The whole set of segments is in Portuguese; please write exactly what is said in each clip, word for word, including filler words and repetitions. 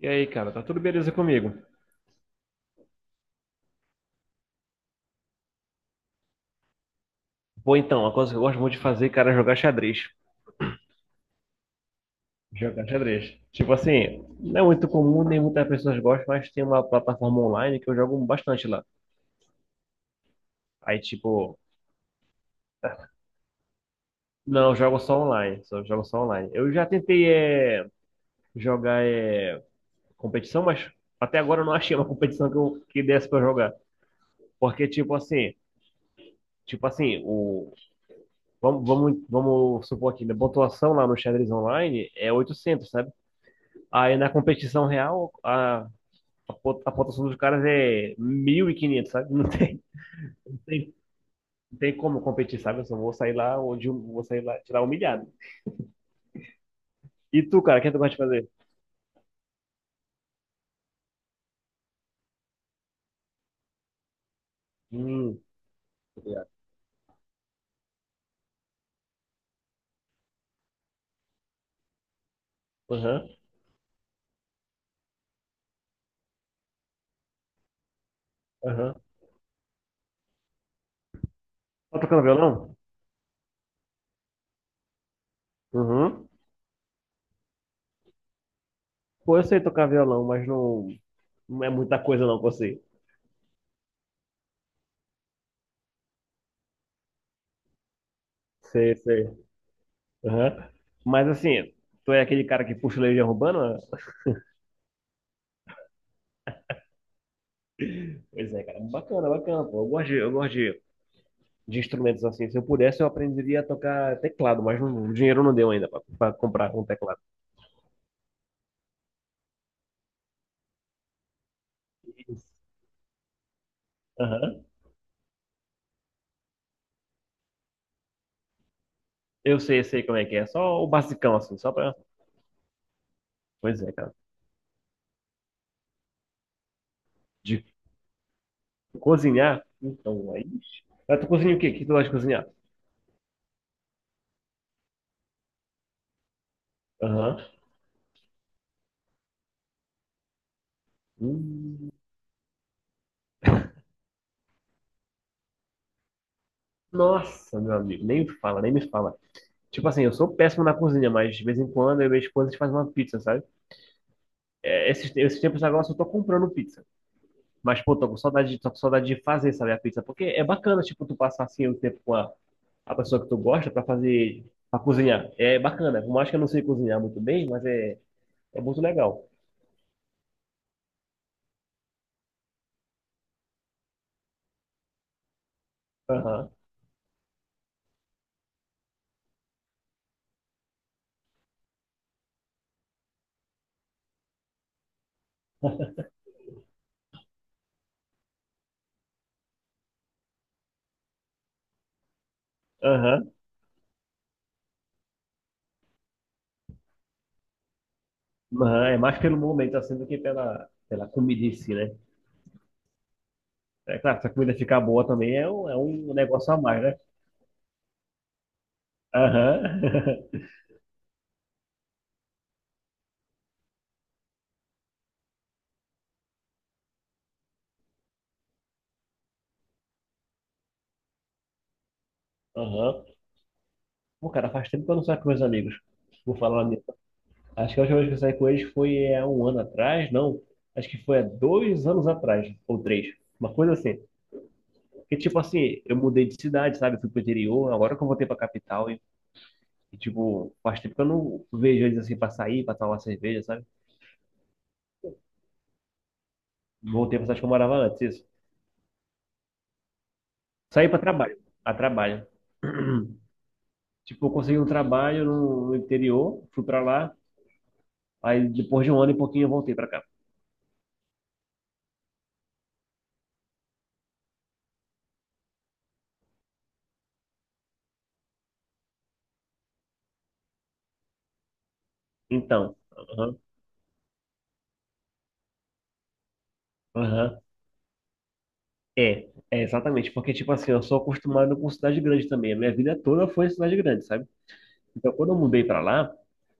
E aí, cara, tá tudo beleza comigo? Bom, então, a coisa que eu gosto muito de fazer, cara, é jogar xadrez. Jogar xadrez. Tipo assim, não é muito comum, nem muitas pessoas gostam, mas tem uma plataforma online que eu jogo bastante lá. Aí, tipo, não, eu jogo só online, só jogo só online. Eu já tentei é, jogar é, competição, mas até agora eu não achei uma competição que, eu, que desse pra jogar. Porque, tipo assim, tipo assim, o, vamos, vamos, vamos supor aqui, a pontuação lá no xadrez online é oitocentos, sabe? Aí na competição real, a, a, po- a pontuação dos caras é mil e quinhentos, sabe? Não tem, não tem, não tem como competir, sabe? Eu só vou sair lá onde eu vou sair lá, tirar humilhado. E tu, cara, o que tu gosta de fazer? Hum, obrigado. Aham, aham. Tá tocando violão? Uhum. Pô, eu sei tocar violão, mas não, não é muita coisa não, você. Sei, sei. Aham. Mas assim, tu é aquele cara que puxa o leite de urbana? Pois é, cara. Bacana, bacana, pô. Eu gosto de, eu gosto de de instrumentos assim. Se eu pudesse, eu aprenderia a tocar teclado, mas não- o dinheiro não deu ainda para comprar um teclado. Aham. Eu sei, sei como é que é. Só o basicão, assim, só pra. Pois é, cara. De cozinhar, então, aí. Ah, tu cozinha o quê? O que tu gosta de cozinhar? Aham. Hum, nossa, meu amigo, nem me fala, nem me fala. Tipo assim, eu sou péssimo na cozinha, mas de vez em quando eu e minha esposa a gente faz uma pizza, sabe? É, esses, esses tempos agora eu só tô comprando pizza. Mas, pô, tô com saudade, de- tô com saudade de fazer, sabe, a pizza. Porque é bacana, tipo, tu passar assim o tempo com a, a pessoa que tu gosta para fazer, pra cozinhar. É bacana. Por mais que eu não sei cozinhar muito bem, mas é, é muito legal. Aham, aham, aham. É mais pelo momento assim do que pela, pela comida em si, né? É claro, se a comida ficar boa também é um, é um negócio a mais, né? Aham, aham. Pô, cara, faz tempo que eu não saio com meus amigos. Vou falar nisso. Acho que a última vez que eu saí com eles foi há um ano atrás, não. Acho que foi há dois anos atrás, ou três. Uma coisa assim. Porque, tipo assim, eu mudei de cidade, sabe? Eu fui pro interior, agora que eu voltei pra capital e, e, tipo, faz tempo que eu não vejo eles assim pra sair, pra tomar uma cerveja, sabe? Voltei pra cidade que eu morava antes, isso. Saí pra trabalho, a trabalho. Tipo, eu consegui um trabalho no, no interior, fui pra lá, aí depois de um ano e pouquinho eu voltei pra cá. Então, aham, aham. É, é exatamente, porque, tipo assim, eu sou acostumado com cidade grande também. A minha vida toda foi cidade grande, sabe? Então, quando eu mudei pra lá,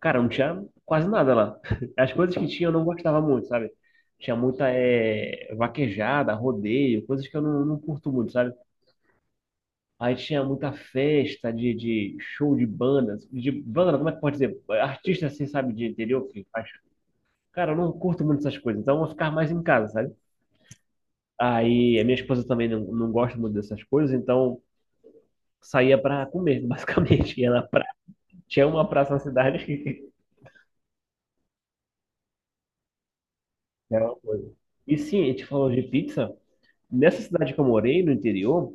cara, não tinha quase nada lá. As coisas que tinha eu não gostava muito, sabe? Tinha muita eh, vaquejada, rodeio, coisas que eu não, não curto muito, sabe? Aí tinha muita festa de, de show de bandas, de banda, como é que pode dizer? Artista assim, sabe, de interior que faz. Cara, eu não curto muito essas coisas, então eu vou ficar mais em casa, sabe? Aí a minha esposa também não, não gosta muito dessas coisas, então saía pra comer, basicamente. Ia na pra... Tinha uma praça na cidade. É uma coisa. E sim, a gente falou de pizza. Nessa cidade que eu morei, no interior,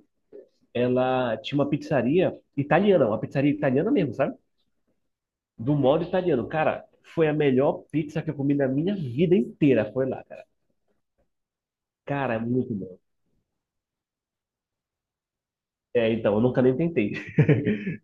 ela tinha uma pizzaria italiana, uma pizzaria italiana mesmo, sabe? Do modo italiano. Cara, foi a melhor pizza que eu comi na minha vida inteira. Foi lá, cara. Cara, é muito bom. É, então, eu nunca nem tentei.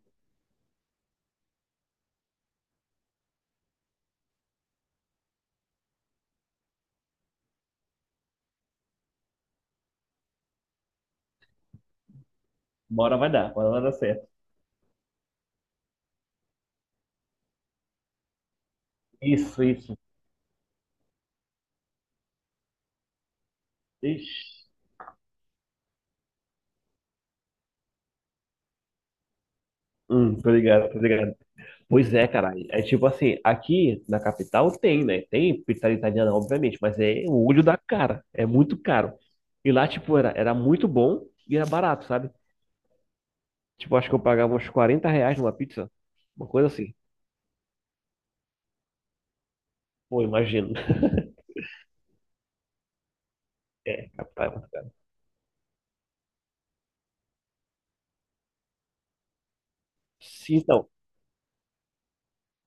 Uma hora vai dar, uma hora vai dar certo. Isso, isso. Ixi. Hum, tô ligado, tô ligado. Pois é, cara. É tipo assim, aqui na capital tem, né? Tem pizzaria italiana, obviamente, mas é o olho da cara. É muito caro. E lá, tipo, era, era muito bom e era barato, sabe? Tipo, acho que eu pagava uns quarenta reais numa pizza. Uma coisa assim. Pô, imagino. É, capital é muito caro. Sim, então.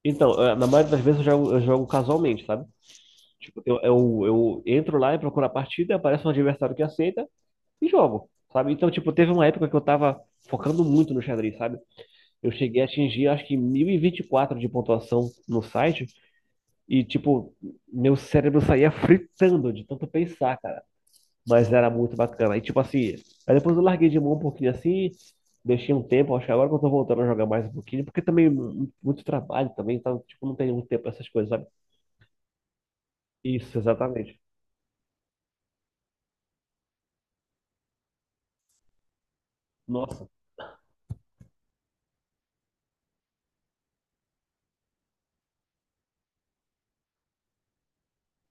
Então, eh, na maioria das vezes eu jogo, eu jogo casualmente, sabe? Tipo, eu, eu, eu entro lá e procuro a partida, aparece um adversário que aceita e jogo, sabe? Então, tipo, teve uma época que eu tava focando muito no xadrez, sabe? Eu cheguei a atingir, acho que mil e e vinte e quatro de pontuação no site. E, tipo, meu cérebro saía fritando de tanto pensar, cara. Mas era muito bacana. E, tipo assim, aí depois eu larguei de mão um pouquinho assim. Deixei um tempo, acho que agora que eu tô voltando a jogar mais um pouquinho. Porque também, mu- muito trabalho também, então, tipo, não tem muito tempo pra essas coisas, sabe? Isso, exatamente. Nossa,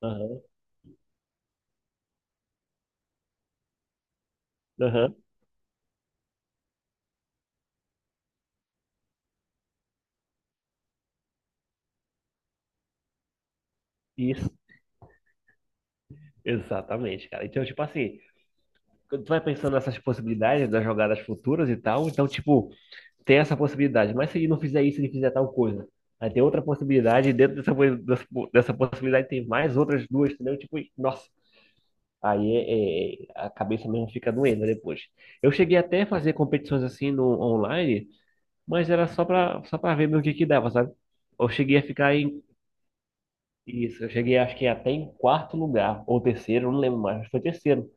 aham, aham, isso, exatamente, cara. Então, tipo assim, quando tu vai pensando nessas possibilidades das jogadas futuras e tal, então, tipo, tem essa possibilidade, mas se ele não fizer isso, ele fizer tal coisa. Aí tem outra possibilidade, e dentro dessa, pos- dessa, po- dessa possibilidade tem mais outras duas, entendeu? Tipo, nossa, aí é- é- a cabeça mesmo fica doendo depois. Eu cheguei até a fazer competições assim no online, mas era só pra, só pra ver mesmo o que que dava, sabe? Eu cheguei a ficar em, isso, eu cheguei acho que até em quarto lugar, ou terceiro, não lembro mais, acho que foi terceiro.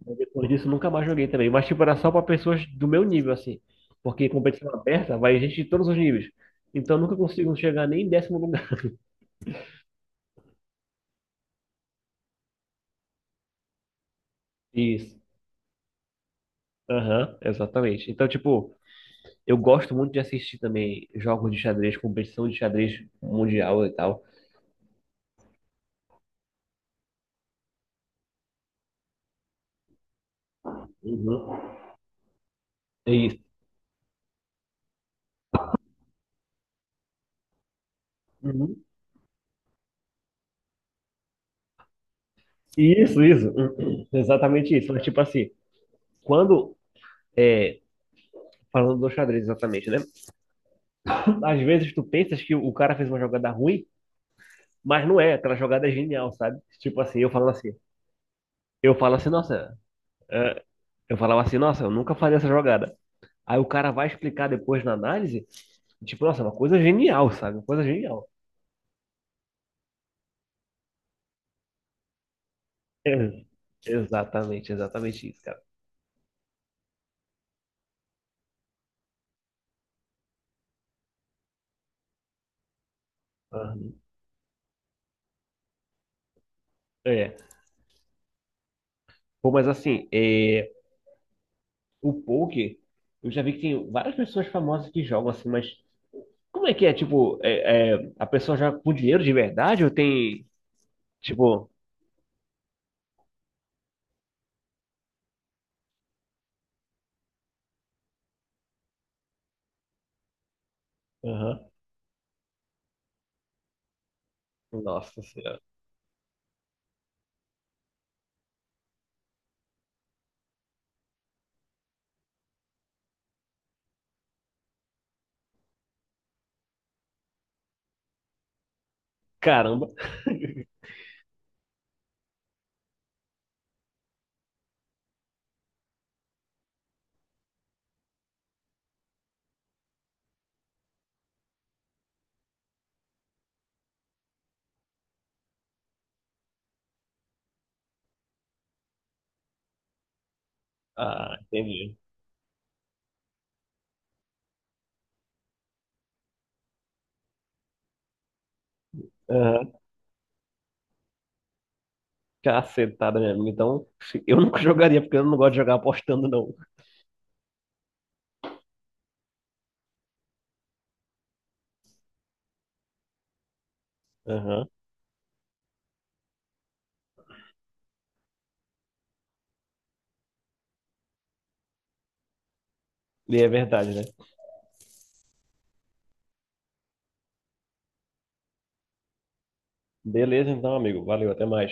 Depois disso, nunca mais joguei também. Mas, tipo, era só pra pessoas do meu nível, assim. Porque competição aberta vai gente de todos os níveis. Então, eu nunca consigo chegar nem em décimo lugar. Isso. Aham, exatamente. Então, tipo, eu gosto muito de assistir também jogos de xadrez, competição de xadrez mundial e tal. Uhum. É isso. Uhum. Isso, isso. Uhum. Exatamente isso. Mas, tipo assim, quando. É, falando do xadrez, exatamente, né? Às vezes tu pensas que o cara fez uma jogada ruim. Mas não é, aquela jogada é genial, sabe? Tipo assim, eu falo assim, eu falo assim, nossa, é, eu falava assim, nossa, eu nunca faria essa jogada. Aí o cara vai explicar depois na análise, tipo, nossa, é uma coisa genial, sabe? Uma coisa genial. É, exatamente, exatamente isso, cara. Aham. É. Pô, mas assim, é, o poker, eu já vi que tem várias pessoas famosas que jogam assim, mas como é que é? Tipo, é, é, a pessoa joga com dinheiro de verdade ou tem, tipo, aham. Nossa Senhora. Caramba. Ah, entendi. Aham. Cacetada mesmo. Então, se- eu nunca jogaria, porque eu não gosto de jogar apostando, não. Aham. E é verdade, né? Beleza, então, amigo. Valeu, até mais.